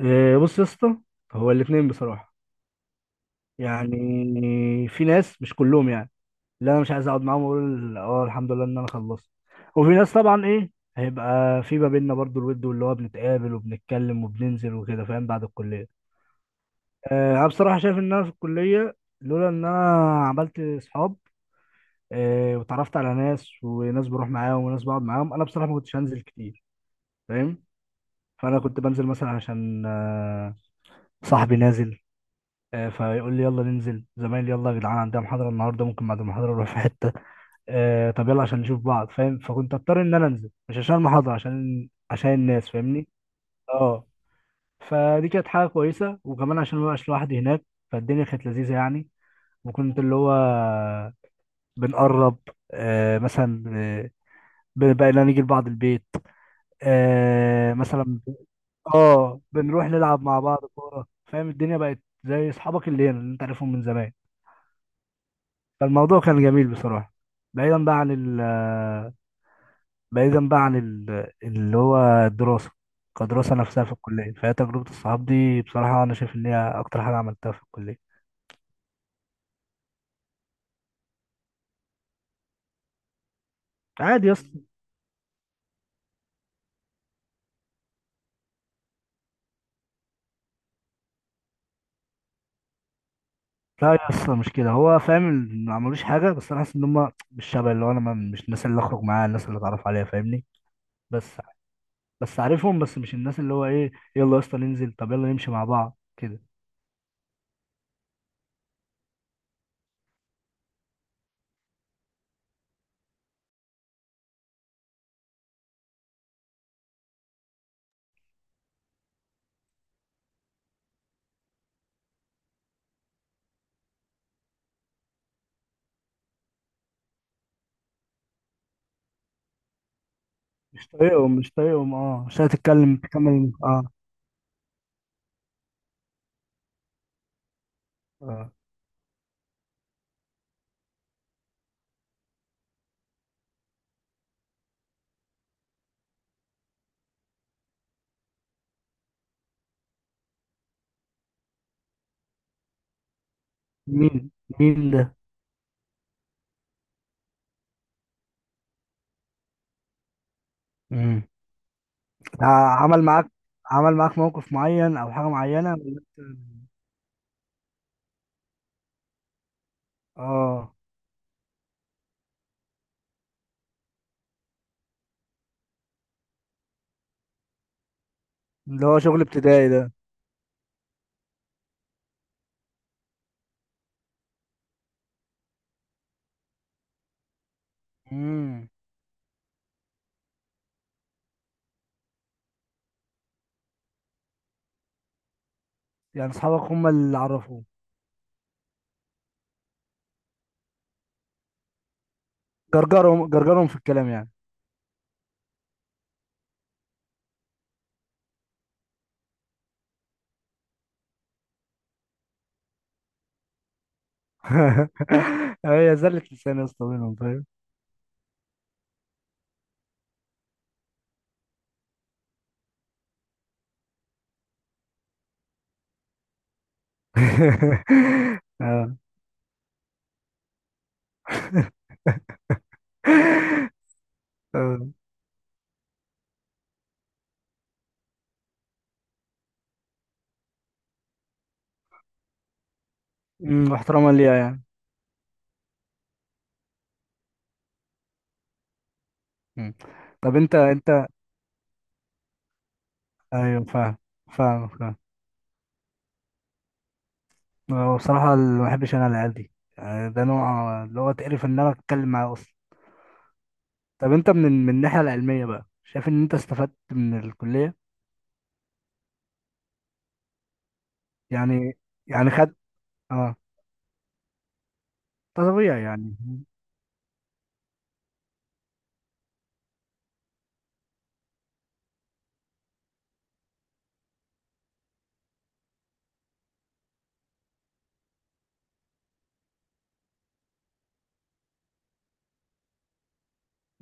بص يا اسطى، هو الاثنين بصراحه. يعني في ناس، مش كلهم يعني، لا انا مش عايز اقعد معاهم واقول اه الحمد لله ان انا خلصت. وفي ناس طبعا ايه، هيبقى في ما بيننا برضو الود، واللي هو بنتقابل وبنتكلم وبننزل وكده، فاهم، بعد الكليه. انا بصراحه شايف ان انا في الكليه لولا ان انا عملت اصحاب، واتعرفت على ناس، وناس بروح معاهم وناس بقعد معاهم، انا بصراحه ما كنتش هنزل كتير، فاهم. فانا كنت بنزل مثلا عشان صاحبي نازل، فيقول لي يلا ننزل، زمايلي يلا يا جدعان، عندنا محاضرة النهاردة ممكن بعد المحاضرة نروح في حتة. طب يلا عشان نشوف بعض، فاهم. فكنت اضطر ان انا انزل، مش عشان المحاضرة، عشان الناس، فاهمني. اه، فدي كانت حاجة كويسة، وكمان عشان ما بقاش لوحدي هناك، فالدنيا كانت لذيذة يعني. وكنت اللي هو بنقرب، مثلا، بقينا نيجي لبعض البيت، مثلا اه بنروح نلعب مع بعض كورة، فاهم. الدنيا بقت زي اصحابك اللي هنا اللي انت عارفهم من زمان، فالموضوع كان جميل بصراحة. بعيدا بقى عن ال بعيدا بقى عن ال اللي هو الدراسة، كدراسة نفسها في الكلية. فهي تجربة الصحاب دي، بصراحة أنا شايف إن هي أكتر حاجة عملتها في الكلية. عادي يا اسطى. لا يا اسطى مش كده، هو فاهم، ما عملوش حاجة، بس أنا حاسس إن هما مش شبه اللي هو أنا، مش الناس اللي أخرج معاها، الناس اللي أتعرف عليها، فاهمني. بس، بس عارفهم، بس مش الناس اللي هو إيه يلا يا اسطى ننزل، طب يلا نمشي مع بعض كده. مش طايقهم، أه، مش هتتكلم، تكمل، أه. آه. مين مين ده؟ امم. عمل معاك عمل معاك موقف معين او حاجه معينه، ولا اه اللي هو شغل ابتدائي ده؟ امم. يعني اصحابك هم اللي عرفوه. جرجرهم جرجرهم في الكلام يعني. هي زلة لسان يا اسطى بينهم، فاهم. اه. آه. أمم، واحتراما ليها يعني. أمم. طب انت، ايوه فاهم، فاهم، فاهم. هو بصراحة اللي ما بحبش انا العيال دي، يعني ده نوع اللي هو تقرف ان انا اتكلم معاه. طب انت من الناحية العلمية بقى، شايف ان انت استفدت من الكلية؟ يعني يعني خد، اه، ده طبيعي يعني.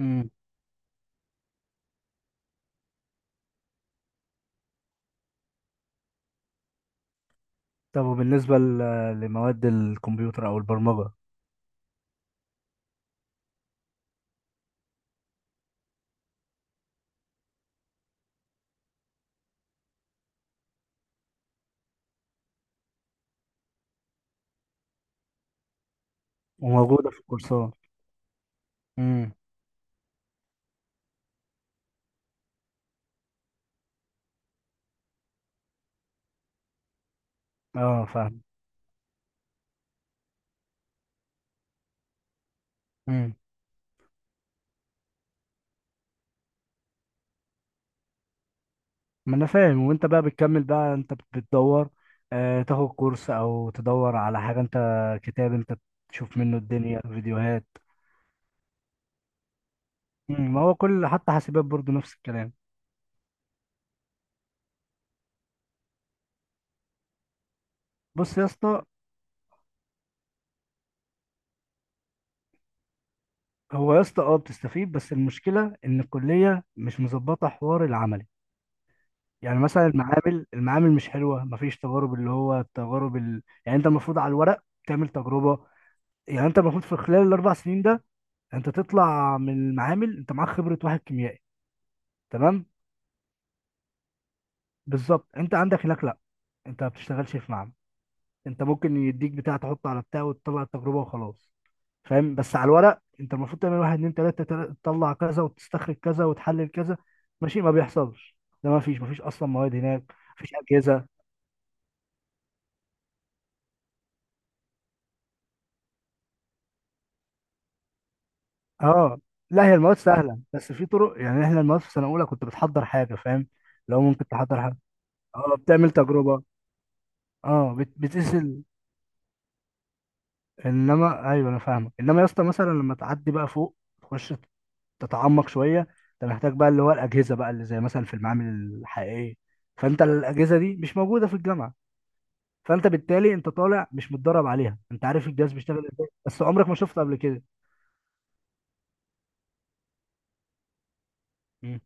امم. طب وبالنسبة لمواد الكمبيوتر او البرمجة؟ وموجودة في الكورسات. امم. اه فاهم. امم. ما انا فاهم، وانت بقى بتكمل بقى، انت بتدور، آه، تاخد كورس او تدور على حاجة، انت كتاب، انت تشوف منه الدنيا، فيديوهات. امم. ما هو كل حتى حاسبات برضه نفس الكلام. بص يا اسطى. هو يا اسطى اه بتستفيد، بس المشكله ان الكليه مش مظبطه حوار العملي. يعني مثلا المعامل، مش حلوه، مفيش تجارب، اللي هو التجارب يعني انت المفروض على الورق تعمل تجربه. يعني انت المفروض في خلال ال4 سنين ده، انت تطلع من المعامل انت معاك خبره واحد كيميائي. تمام، بالظبط. انت عندك هناك لا، انت ما بتشتغلش في معمل، انت ممكن يديك بتاع تحطه على بتاع وتطلع التجربه وخلاص، فاهم. بس على الورق انت المفروض تعمل واحد اتنين تلاته، تطلع كذا، وتستخرج كذا، وتحلل كذا، ماشي. ما بيحصلش ده، ما فيش اصلا مواد هناك، ما فيش اجهزه. اه لا، هي المواد سهله، بس في طرق. يعني احنا المواد في سنه اولى كنت بتحضر حاجه، فاهم. لو ممكن تحضر حاجه، اه بتعمل تجربه، اه بتقيس انما ايوه انا فاهمك. انما يا اسطى مثلا لما تعدي بقى فوق، تخش، تتعمق شويه، انت محتاج بقى اللي هو الاجهزه بقى اللي زي مثلا في المعامل الحقيقيه. فانت الاجهزه دي مش موجوده في الجامعه، فانت بالتالي انت طالع مش متدرب عليها، انت عارف الجهاز بيشتغل ازاي، بس عمرك ما شفته قبل كده. مم.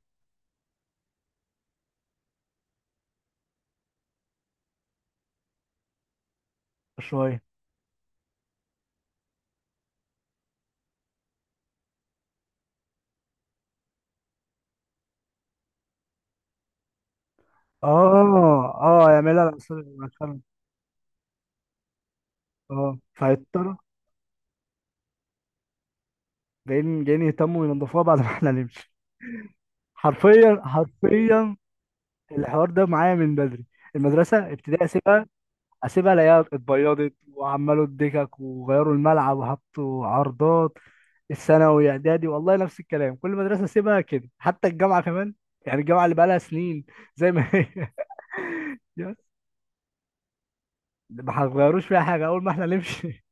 شويه. اه، اه يعملها على أساس إنه يفهم. اه فهيضطر، جايين جايين يهتموا ينضفوها بعد ما احنا نمشي. حرفيا حرفيا، الحوار ده معايا من بدري. المدرسه ابتدائي سيبها، اسيبها الاقيها اتبيضت وعملوا الدكك وغيروا الملعب وحطوا عرضات. الثانوي اعدادي والله نفس الكلام، كل مدرسه اسيبها كده. حتى الجامعه كمان، يعني الجامعه اللي بقالها سنين زي ما هي. يس. ما هيغيروش فيها حاجه اول ما احنا نمشي.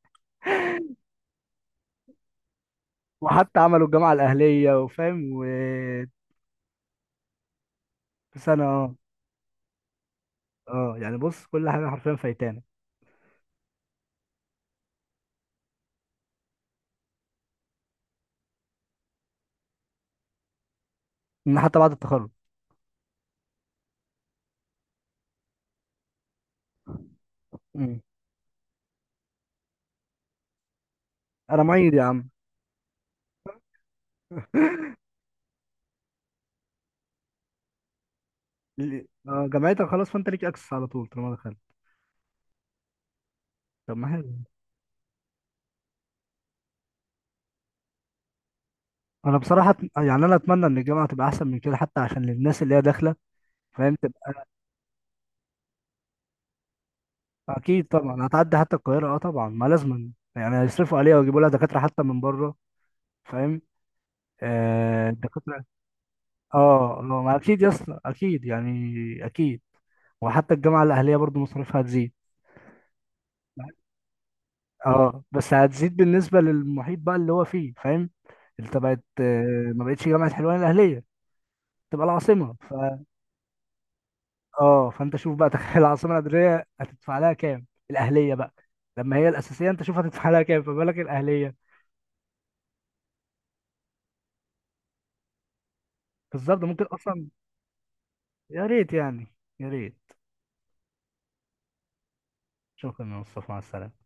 وحتى عملوا الجامعه الاهليه وفاهم. وفي سنه، اه، اه يعني بص، كل حاجه حرفيا فايتانا. من حتى بعد التخرج. مم. انا معيد يا عم. جامعتك خلاص، فانت ليك اكسس على طول طالما دخلت. طب ما حلو. انا بصراحه يعني انا اتمنى ان الجامعه تبقى احسن من كده، حتى عشان الناس اللي هي داخله، فاهم، تبقى اكيد طبعا، هتعدي حتى القاهره، اه طبعا ما لازما. يعني هيصرفوا عليها ويجيبوا لها دكاتره حتى من بره، فاهم، آه الدكاتره. اه ما اكيد يا اسطى اكيد يعني، اكيد. وحتى الجامعه الاهليه برضو مصاريفها هتزيد. اه بس هتزيد بالنسبه للمحيط بقى اللي هو فيه، فاهم، اللي تبقت ما بقتش جامعه حلوان الاهليه، تبقى العاصمه. اه، فانت شوف بقى، تخيل العاصمه الاداريه هتدفع لها كام، الاهليه بقى لما هي الاساسيه انت شوف هتدفع لها كام، فما بالك الاهليه. بالظبط، ممكن اصلا. يا ريت يعني، يا ريت. شكرا يا مصطفى، مع السلامه.